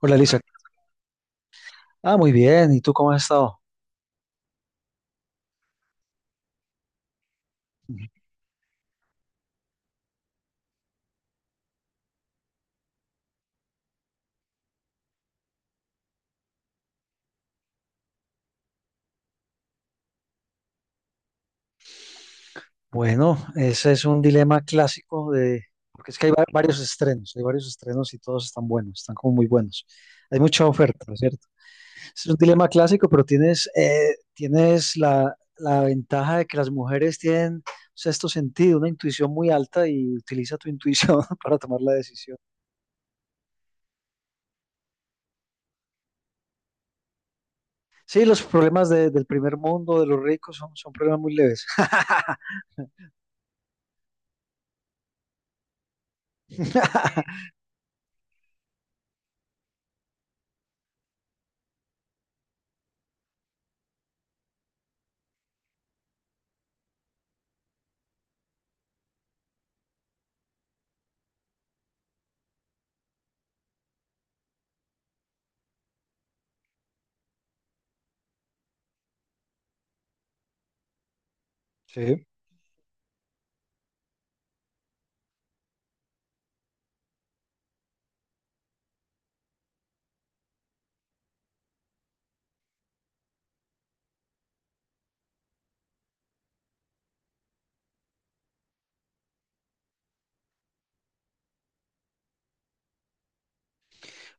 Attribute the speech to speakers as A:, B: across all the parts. A: Hola, Lisa. Ah, muy bien. ¿Y tú cómo has estado? Bueno, ese es un dilema clásico de, porque es que hay varios estrenos, hay varios estrenos y todos están buenos, están como muy buenos. Hay mucha oferta, ¿no?, ¿cierto? Es un dilema clásico, pero tienes la ventaja de que las mujeres tienen sexto sentido, una intuición muy alta y utiliza tu intuición para tomar la decisión. Sí, los problemas del primer mundo, de los ricos, son problemas muy leves. Sí.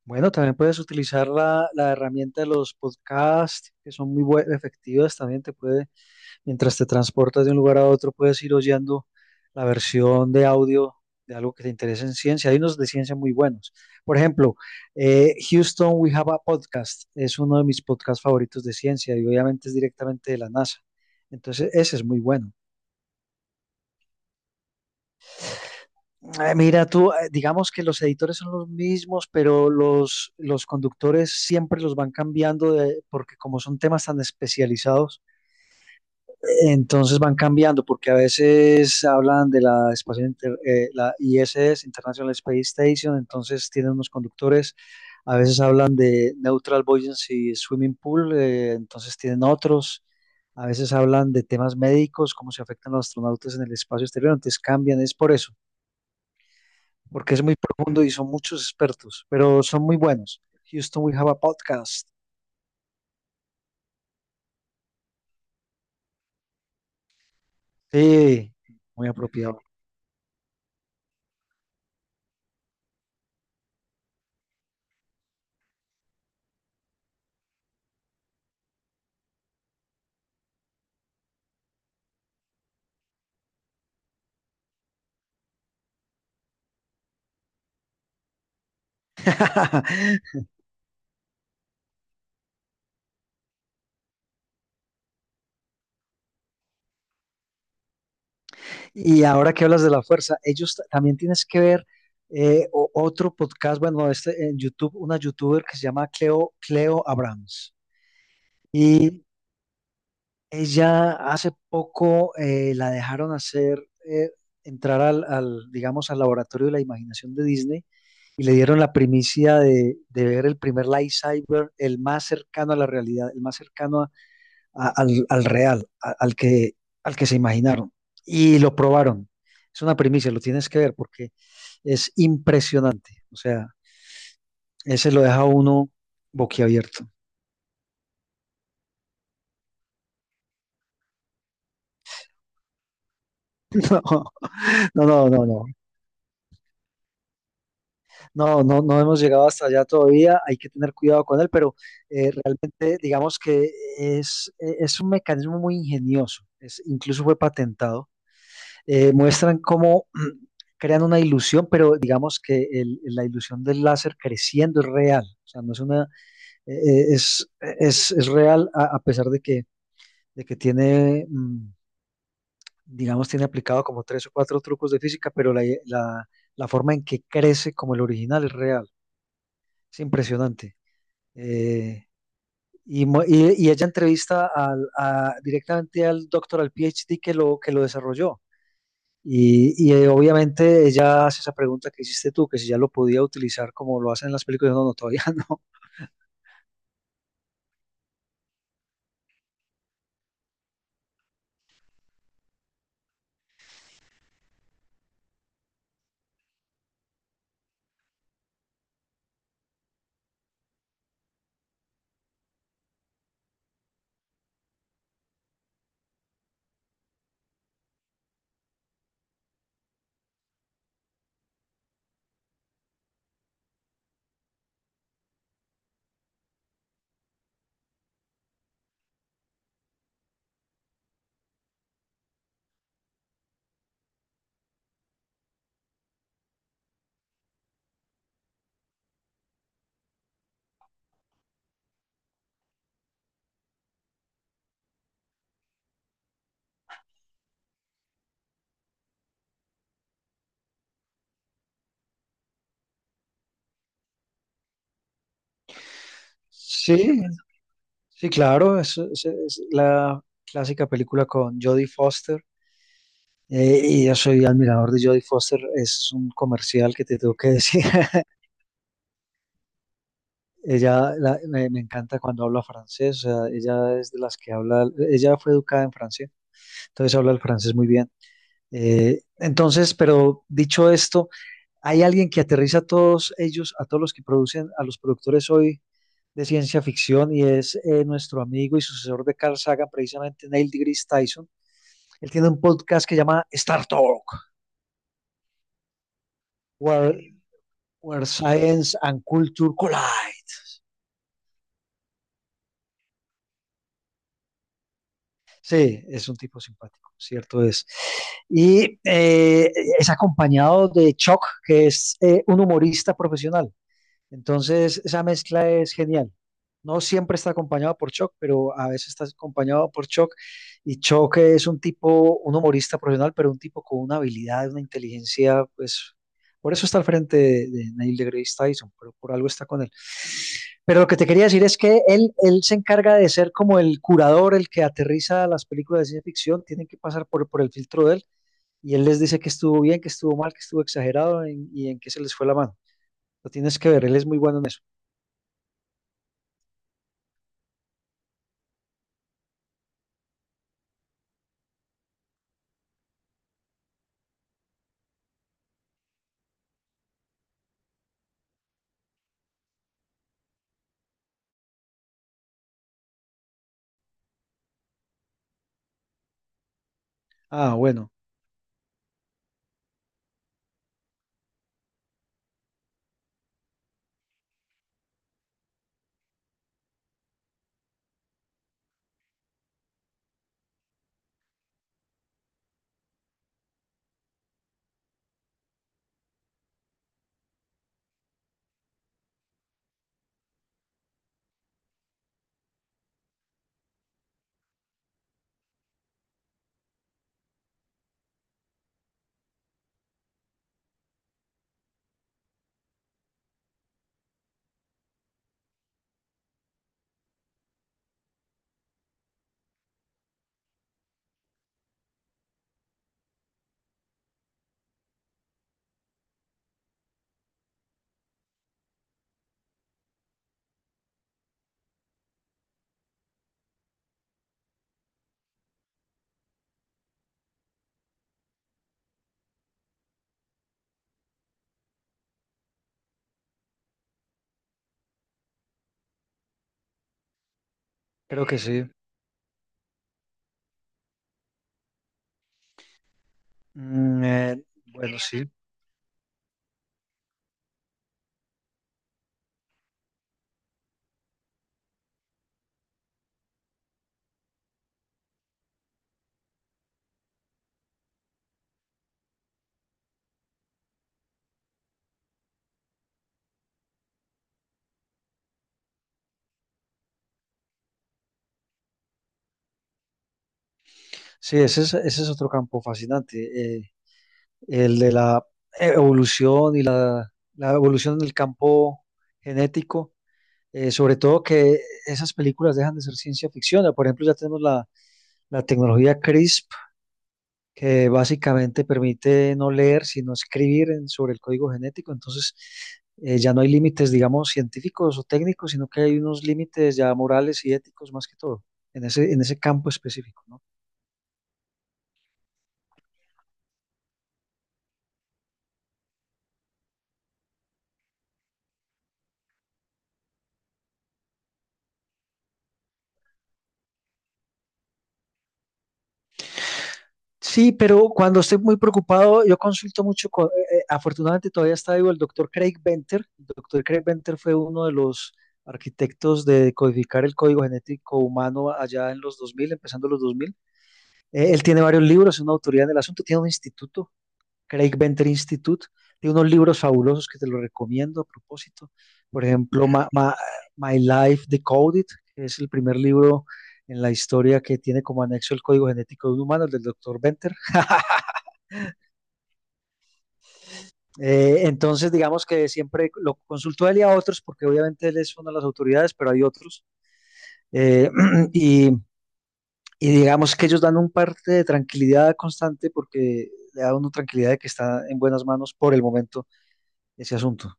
A: Bueno, también puedes utilizar la herramienta de los podcasts, que son muy efectivas. También te puede, mientras te transportas de un lugar a otro, puedes ir oyendo la versión de audio de algo que te interese en ciencia. Hay unos de ciencia muy buenos. Por ejemplo, Houston We Have a Podcast es uno de mis podcasts favoritos de ciencia y obviamente es directamente de la NASA. Entonces, ese es muy bueno. Mira, tú, digamos que los editores son los mismos, pero los conductores siempre los van cambiando porque como son temas tan especializados, entonces van cambiando porque a veces hablan de espacio la ISS, International Space Station, entonces tienen unos conductores, a veces hablan de Neutral Buoyancy Swimming Pool, entonces tienen otros, a veces hablan de temas médicos, cómo se afectan los astronautas en el espacio exterior, entonces cambian, es por eso porque es muy profundo y son muchos expertos, pero son muy buenos. Houston We Have a Podcast. Sí, muy apropiado. Y ahora que hablas de la fuerza, ellos también tienes que ver otro podcast, bueno, este en YouTube, una youtuber que se llama Cleo, Cleo Abrams. Y ella hace poco la dejaron hacer, eh, entrar digamos, al laboratorio de la imaginación de Disney y le dieron la primicia de ver el primer Light Cyber, el más cercano a la realidad, el más cercano al real, al que se imaginaron. Y lo probaron. Es una primicia, lo tienes que ver porque es impresionante. O sea, ese lo deja uno boquiabierto. No, no, no, no, no, no, no hemos llegado hasta allá todavía, hay que tener cuidado con él, pero realmente digamos que es un mecanismo muy ingenioso, incluso fue patentado, muestran cómo crean una ilusión, pero digamos que la ilusión del láser creciendo es real, o sea, no es una, es real a pesar de que tiene, digamos, tiene aplicado como tres o cuatro trucos de física, pero la forma en que crece como el original es real, es impresionante. Eh, y ella entrevista directamente al doctor, al PhD que lo desarrolló. Obviamente ella hace esa pregunta que hiciste tú, que si ya lo podía utilizar como lo hacen en las películas. No, no, todavía no. Sí, sí, claro, es la clásica película con Jodie Foster. Y yo soy admirador de Jodie Foster, es un comercial que te tengo que decir. Ella me encanta cuando habla francés, o sea, ella es de las que habla, ella fue educada en Francia, entonces habla el francés muy bien. Entonces, pero dicho esto, hay alguien que aterriza a todos ellos, a todos los que producen, a los productores hoy de ciencia ficción, y es nuestro amigo y sucesor de Carl Sagan, precisamente Neil deGrasse Tyson. Él tiene un podcast que llama Star Talk, where, where Science and Culture Collide. Sí, es un tipo simpático, cierto es. Y eh, es acompañado de Chuck, que es un humorista profesional. Entonces, esa mezcla es genial. No siempre está acompañado por Chuck, pero a veces está acompañado por Chuck. Y Chuck es un tipo, un humorista profesional, pero un tipo con una habilidad, una inteligencia, pues por eso está al frente de Neil deGrasse Tyson, pero por algo está con él. Pero lo que te quería decir es que él se encarga de ser como el curador, el que aterriza las películas de ciencia ficción, tienen que pasar por el filtro de él y él les dice que estuvo bien, que estuvo mal, que estuvo exagerado y en qué se les fue la mano. Lo tienes que ver, él es muy bueno en eso. Ah, bueno, creo que sí. Mm, bueno, sí. Sí, ese es otro campo fascinante, el de la evolución y la evolución en el campo genético, sobre todo que esas películas dejan de ser ciencia ficción. Por ejemplo, ya tenemos la tecnología CRISP, que básicamente permite no leer, sino escribir sobre el código genético. Entonces, ya no hay límites, digamos, científicos o técnicos, sino que hay unos límites ya morales y éticos más que todo, en ese campo específico, ¿no? Sí, pero cuando estoy muy preocupado, yo consulto mucho con, afortunadamente todavía está vivo el doctor Craig Venter. El doctor Craig Venter fue uno de los arquitectos de codificar el código genético humano allá en los 2000 empezando los 2000. Él tiene varios libros, es una autoridad en el asunto, tiene un instituto Craig Venter Institute, de unos libros fabulosos que te los recomiendo a propósito. Por ejemplo, My Life Decoded, que es el primer libro en la historia que tiene como anexo el código genético de un humano, el del doctor Venter. Entonces, digamos que siempre lo consultó él y a otros, porque obviamente él es una de las autoridades, pero hay otros. Eh, y, y digamos que ellos dan un parte de tranquilidad constante porque le da una tranquilidad de que está en buenas manos por el momento ese asunto.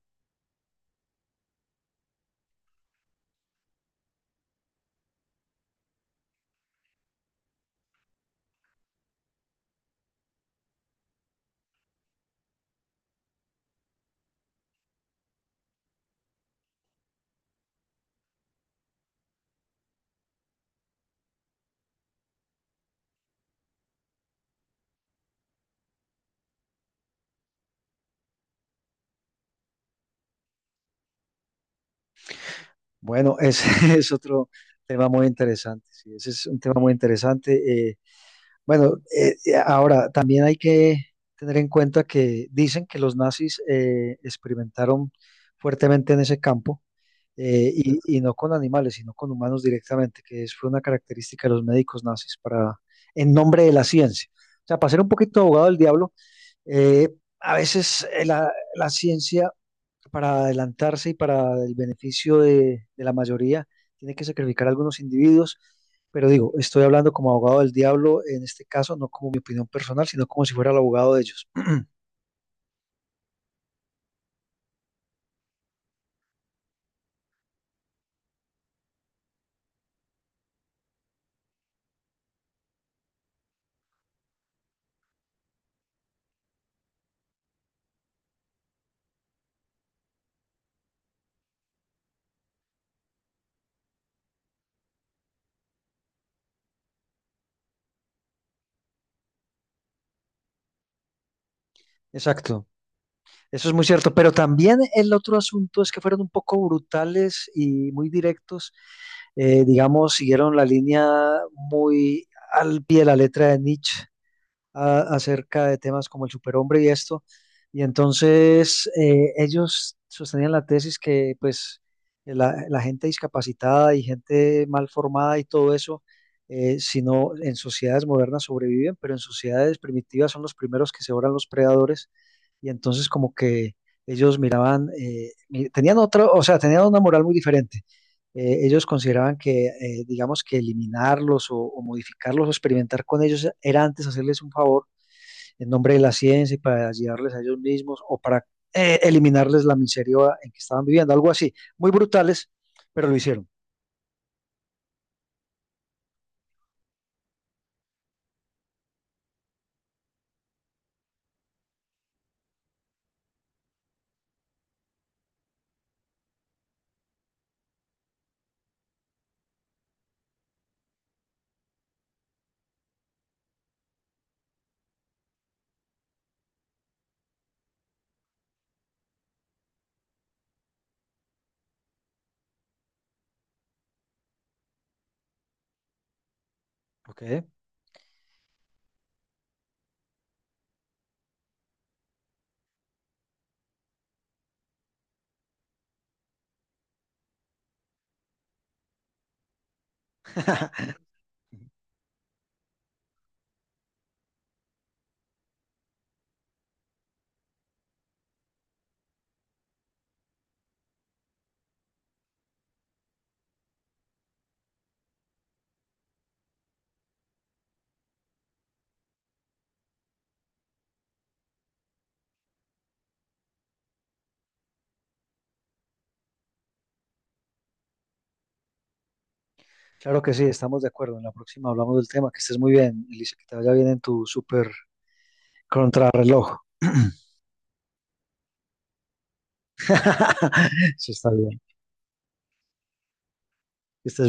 A: Bueno, ese es otro tema muy interesante, sí, ese es un tema muy interesante. Bueno, ahora también hay que tener en cuenta que dicen que los nazis experimentaron fuertemente en ese campo, y no con animales, sino con humanos directamente, que fue una característica de los médicos nazis para, en nombre de la ciencia. O sea, para ser un poquito abogado del diablo, eh, a veces la ciencia para adelantarse y para el beneficio de la mayoría, tiene que sacrificar a algunos individuos, pero digo, estoy hablando como abogado del diablo en este caso, no como mi opinión personal, sino como si fuera el abogado de ellos. Exacto. Eso es muy cierto, pero también el otro asunto es que fueron un poco brutales y muy directos, digamos, siguieron la línea muy al pie de la letra de Nietzsche acerca de temas como el superhombre y esto. Y entonces ellos sostenían la tesis que pues la gente discapacitada y gente mal formada y todo eso, si no en sociedades modernas sobreviven, pero en sociedades primitivas son los primeros que se oran los predadores. Y entonces como que ellos miraban, tenían otra, o sea, tenían una moral muy diferente. Ellos consideraban que, digamos, que eliminarlos o modificarlos o experimentar con ellos era antes hacerles un favor en nombre de la ciencia y para ayudarles a ellos mismos o para eliminarles la miseria en que estaban viviendo, algo así. Muy brutales, pero lo hicieron. Ok. Claro que sí, estamos de acuerdo. En la próxima hablamos del tema. Que estés muy bien, Elisa, que te vaya bien en tu super contrarreloj. Sí está bien. Que estés